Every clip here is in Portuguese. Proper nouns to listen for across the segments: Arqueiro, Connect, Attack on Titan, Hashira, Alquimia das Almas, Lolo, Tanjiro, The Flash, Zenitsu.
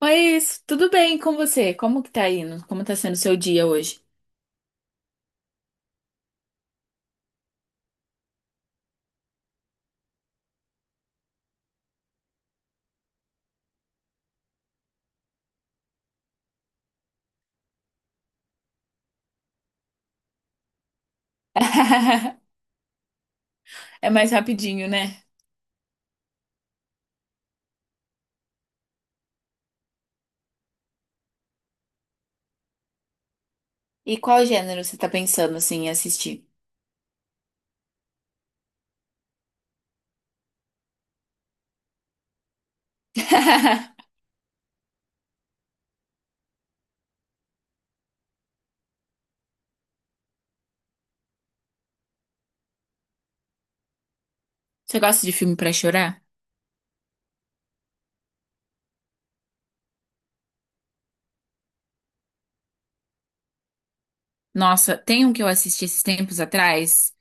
Oi, isso. Tudo bem com você? Como que tá indo? Como tá sendo o seu dia hoje? É mais rapidinho, né? E qual gênero você tá pensando assim em assistir? Você gosta de filme pra chorar? Nossa, tem um que eu assisti esses tempos atrás.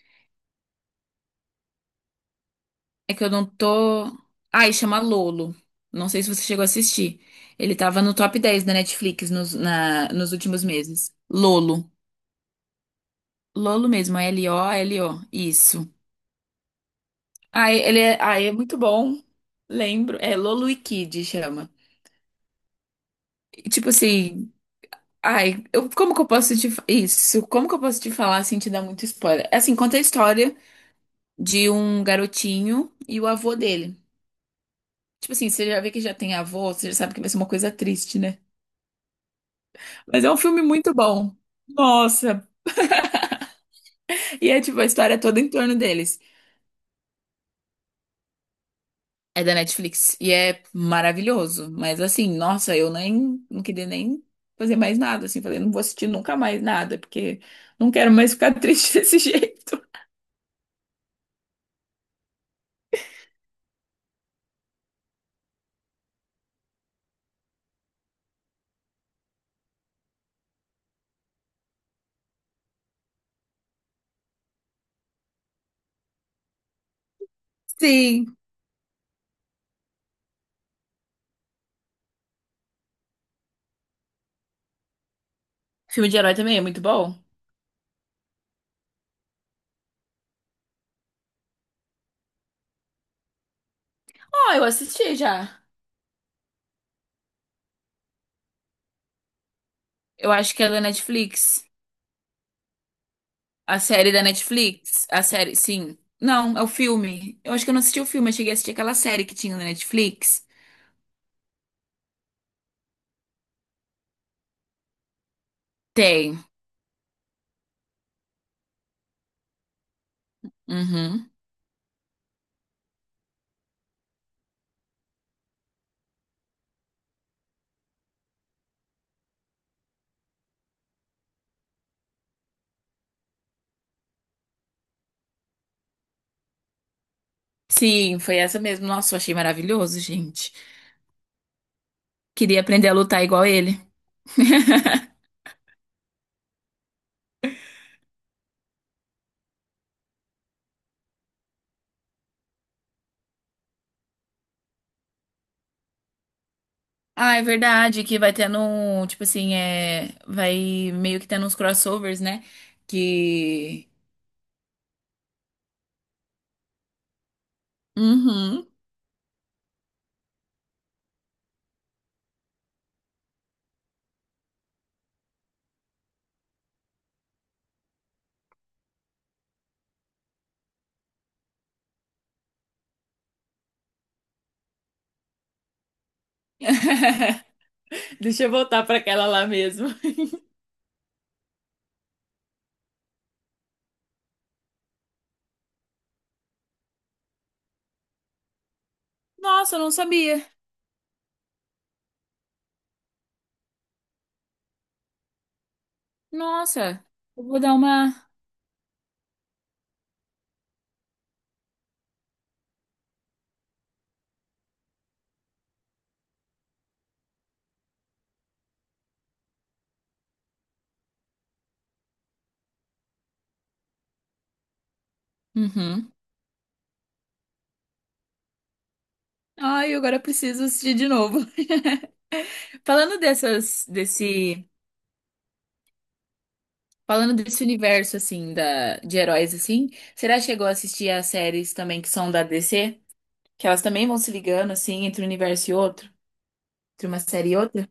É que eu não tô. Ai, chama Lolo. Não sei se você chegou a assistir. Ele tava no top 10 da Netflix nos, nos últimos meses. Lolo. Lolo mesmo, L-O-L-O. Isso. Ah, ele é, ah, é muito bom. Lembro. É Lolo e Kid chama. E, tipo assim, ai, eu, como que eu posso te fa- isso? Como que eu posso te falar sem te dar muito spoiler? É assim, conta a história de um garotinho e o avô dele. Tipo assim, você já vê que já tem avô, você já sabe que vai ser uma coisa triste, né? Mas é um filme muito bom. Nossa. E é tipo a história é toda em torno deles. É da Netflix e é maravilhoso. Mas assim, nossa, eu nem não queria nem fazer mais nada. Assim, falei, não vou assistir nunca mais nada, porque não quero mais ficar triste desse jeito. Sim. Filme de herói também é muito bom? Ó, eu assisti já. Eu acho que é da Netflix. A série da Netflix. A série, sim. Não, é o filme. Eu acho que eu não assisti o filme, eu cheguei a assistir aquela série que tinha na Netflix. Tem. Uhum. Sim, foi essa mesmo. Nossa, eu achei maravilhoso, gente. Queria aprender a lutar igual ele. Ah, é verdade que vai tendo um, tipo assim, é, vai meio que tendo uns crossovers, né? Que. Uhum. Deixa eu voltar pra aquela lá mesmo. Nossa, eu não sabia. Nossa, eu vou dar uma. Uhum. Ai, agora eu preciso assistir de novo. Falando dessas, desse, falando desse universo assim da de heróis assim, será que chegou a assistir as séries também que são da DC? Que elas também vão se ligando assim entre um universo e outro, entre uma série e outra?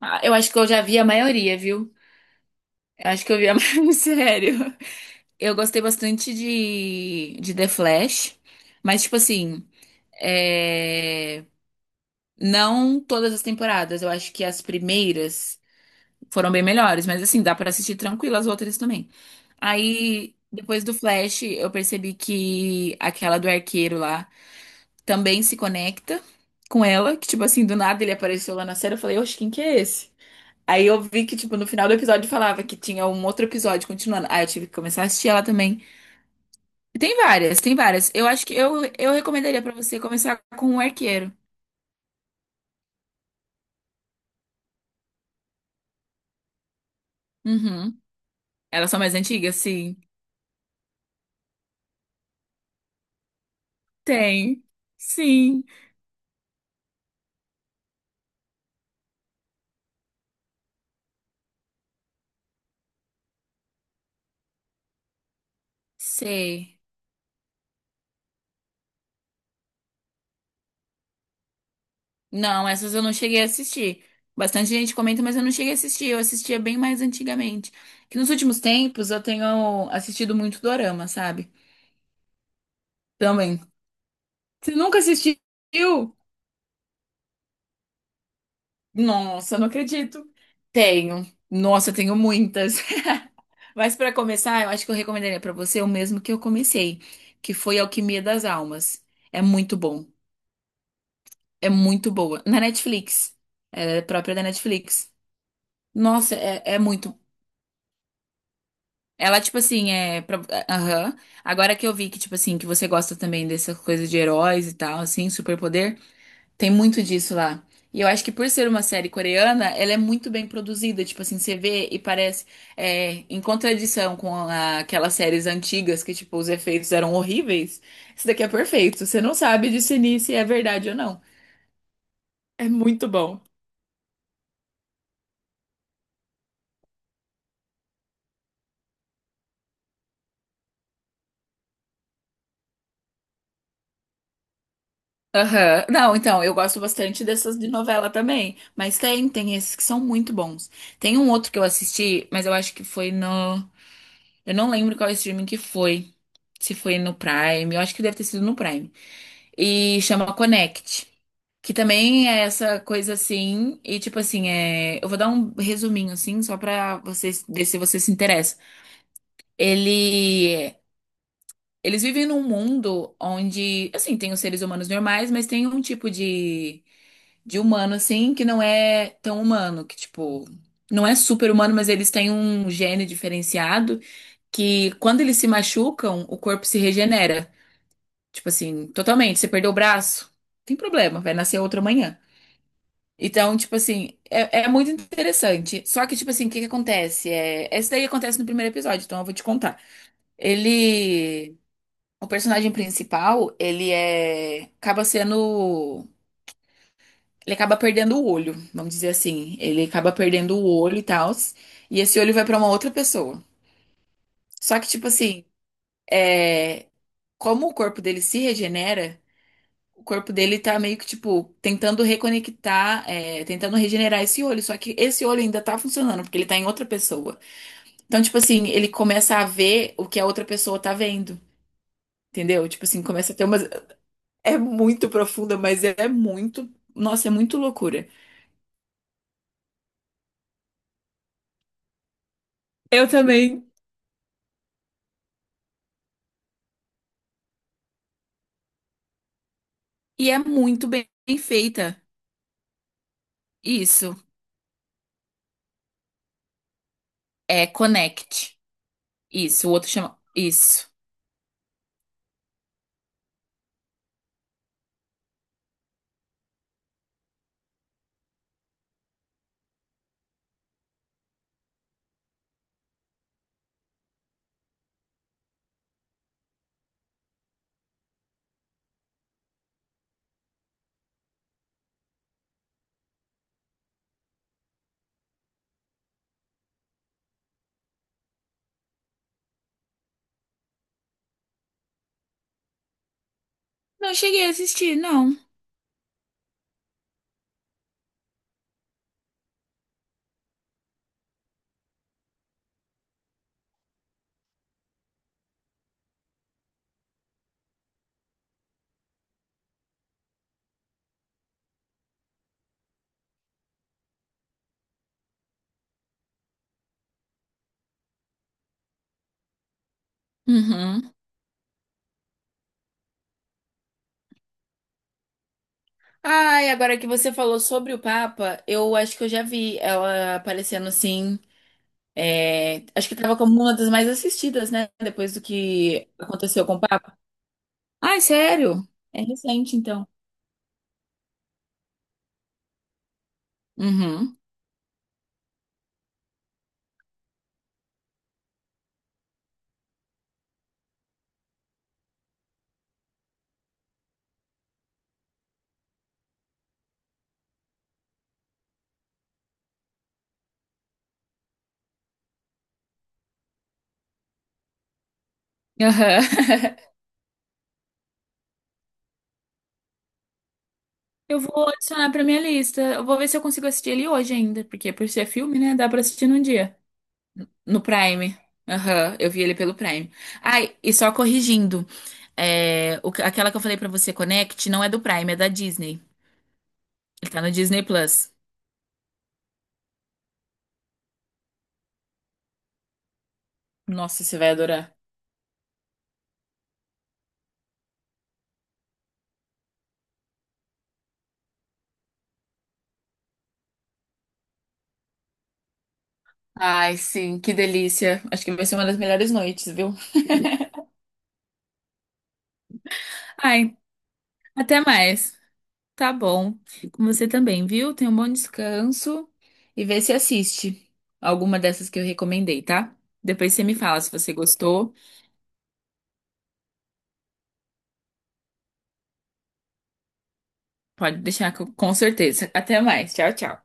Ah, eu acho que eu já vi a maioria, viu? Eu acho que eu vi a maioria, sério. Eu gostei bastante de The Flash, mas, tipo assim, é, não todas as temporadas. Eu acho que as primeiras foram bem melhores, mas, assim, dá pra assistir tranquilo as outras também. Aí, depois do Flash, eu percebi que aquela do arqueiro lá também se conecta com ela, que, tipo assim, do nada ele apareceu lá na série. Eu falei, oxe, quem que é esse? Aí eu vi que, tipo, no final do episódio falava que tinha um outro episódio continuando. Aí eu tive que começar a assistir ela também. E tem várias, tem várias. Eu acho que eu recomendaria pra você começar com o Arqueiro. Uhum. Elas são mais antigas? Sim. Tem. Sim. Sei. Não, essas eu não cheguei a assistir. Bastante gente comenta, mas eu não cheguei a assistir. Eu assistia bem mais antigamente. Que nos últimos tempos eu tenho assistido muito dorama, sabe? Também. Você nunca assistiu? Nossa, não acredito. Tenho. Nossa, eu tenho muitas. Mas para começar, eu acho que eu recomendaria para você o mesmo que eu comecei, que foi Alquimia das Almas. É muito bom. É muito boa. Na Netflix. Ela é própria da Netflix. Nossa, é, é muito. Ela, tipo assim, Aham. Agora que eu vi que, tipo assim, que você gosta também dessa coisa de heróis e tal, assim, superpoder. Tem muito disso lá. E eu acho que por ser uma série coreana, ela é muito bem produzida. Tipo assim, você vê e parece é, em contradição com aquelas séries antigas que, tipo, os efeitos eram horríveis. Isso daqui é perfeito. Você não sabe discernir se é verdade ou não. É muito bom. Aham. Não, então, eu gosto bastante dessas de novela também. Mas tem, tem esses que são muito bons. Tem um outro que eu assisti, mas eu acho que foi no. Eu não lembro qual streaming que foi. Se foi no Prime. Eu acho que deve ter sido no Prime. E chama Connect. Que também é essa coisa assim, e tipo assim, é... eu vou dar um resuminho assim, só pra vocês ver se você se interessa. Ele... Eles vivem num mundo onde, assim, tem os seres humanos normais, mas tem um tipo de humano, assim, que não é tão humano, que tipo, não é super humano, mas eles têm um gene diferenciado que quando eles se machucam, o corpo se regenera. Tipo assim, totalmente. Você perdeu o braço, tem problema, vai nascer outro amanhã. Então, tipo assim, é, é muito interessante. Só que, tipo assim, o que que acontece? É, essa daí acontece no primeiro episódio, então eu vou te contar. Ele, o personagem principal, ele é, acaba sendo, ele acaba perdendo o olho, vamos dizer assim. Ele acaba perdendo o olho e tal, e esse olho vai pra uma outra pessoa. Só que, tipo assim, é, como o corpo dele se regenera. O corpo dele tá meio que, tipo, tentando reconectar, é, tentando regenerar esse olho. Só que esse olho ainda tá funcionando, porque ele tá em outra pessoa. Então, tipo assim, ele começa a ver o que a outra pessoa tá vendo. Entendeu? Tipo assim, começa a ter umas. É muito profunda, mas é muito. Nossa, é muito loucura. Eu também. E é muito bem feita. Isso. É Connect. Isso. O outro chama. Isso. Não cheguei a assistir, não. Uhum. Ai, agora que você falou sobre o Papa, eu acho que eu já vi ela aparecendo assim. É, acho que tava como uma das mais assistidas, né? Depois do que aconteceu com o Papa. Ai, sério? É recente, então. Uhum. Aham. Eu vou adicionar pra minha lista. Eu vou ver se eu consigo assistir ele hoje ainda, porque por ser filme, né? Dá pra assistir num dia. No Prime. Aham, eu vi ele pelo Prime. Ai, e só corrigindo, é, aquela que eu falei pra você, Connect, não é do Prime, é da Disney. Ele tá no Disney Plus. Nossa, você vai adorar. Ai, sim, que delícia. Acho que vai ser uma das melhores noites, viu? Ai, até mais. Tá bom. Com você também, viu? Tenha um bom descanso e vê se assiste alguma dessas que eu recomendei, tá? Depois você me fala se você gostou. Pode deixar que eu- Com certeza. Até mais. Tchau, tchau.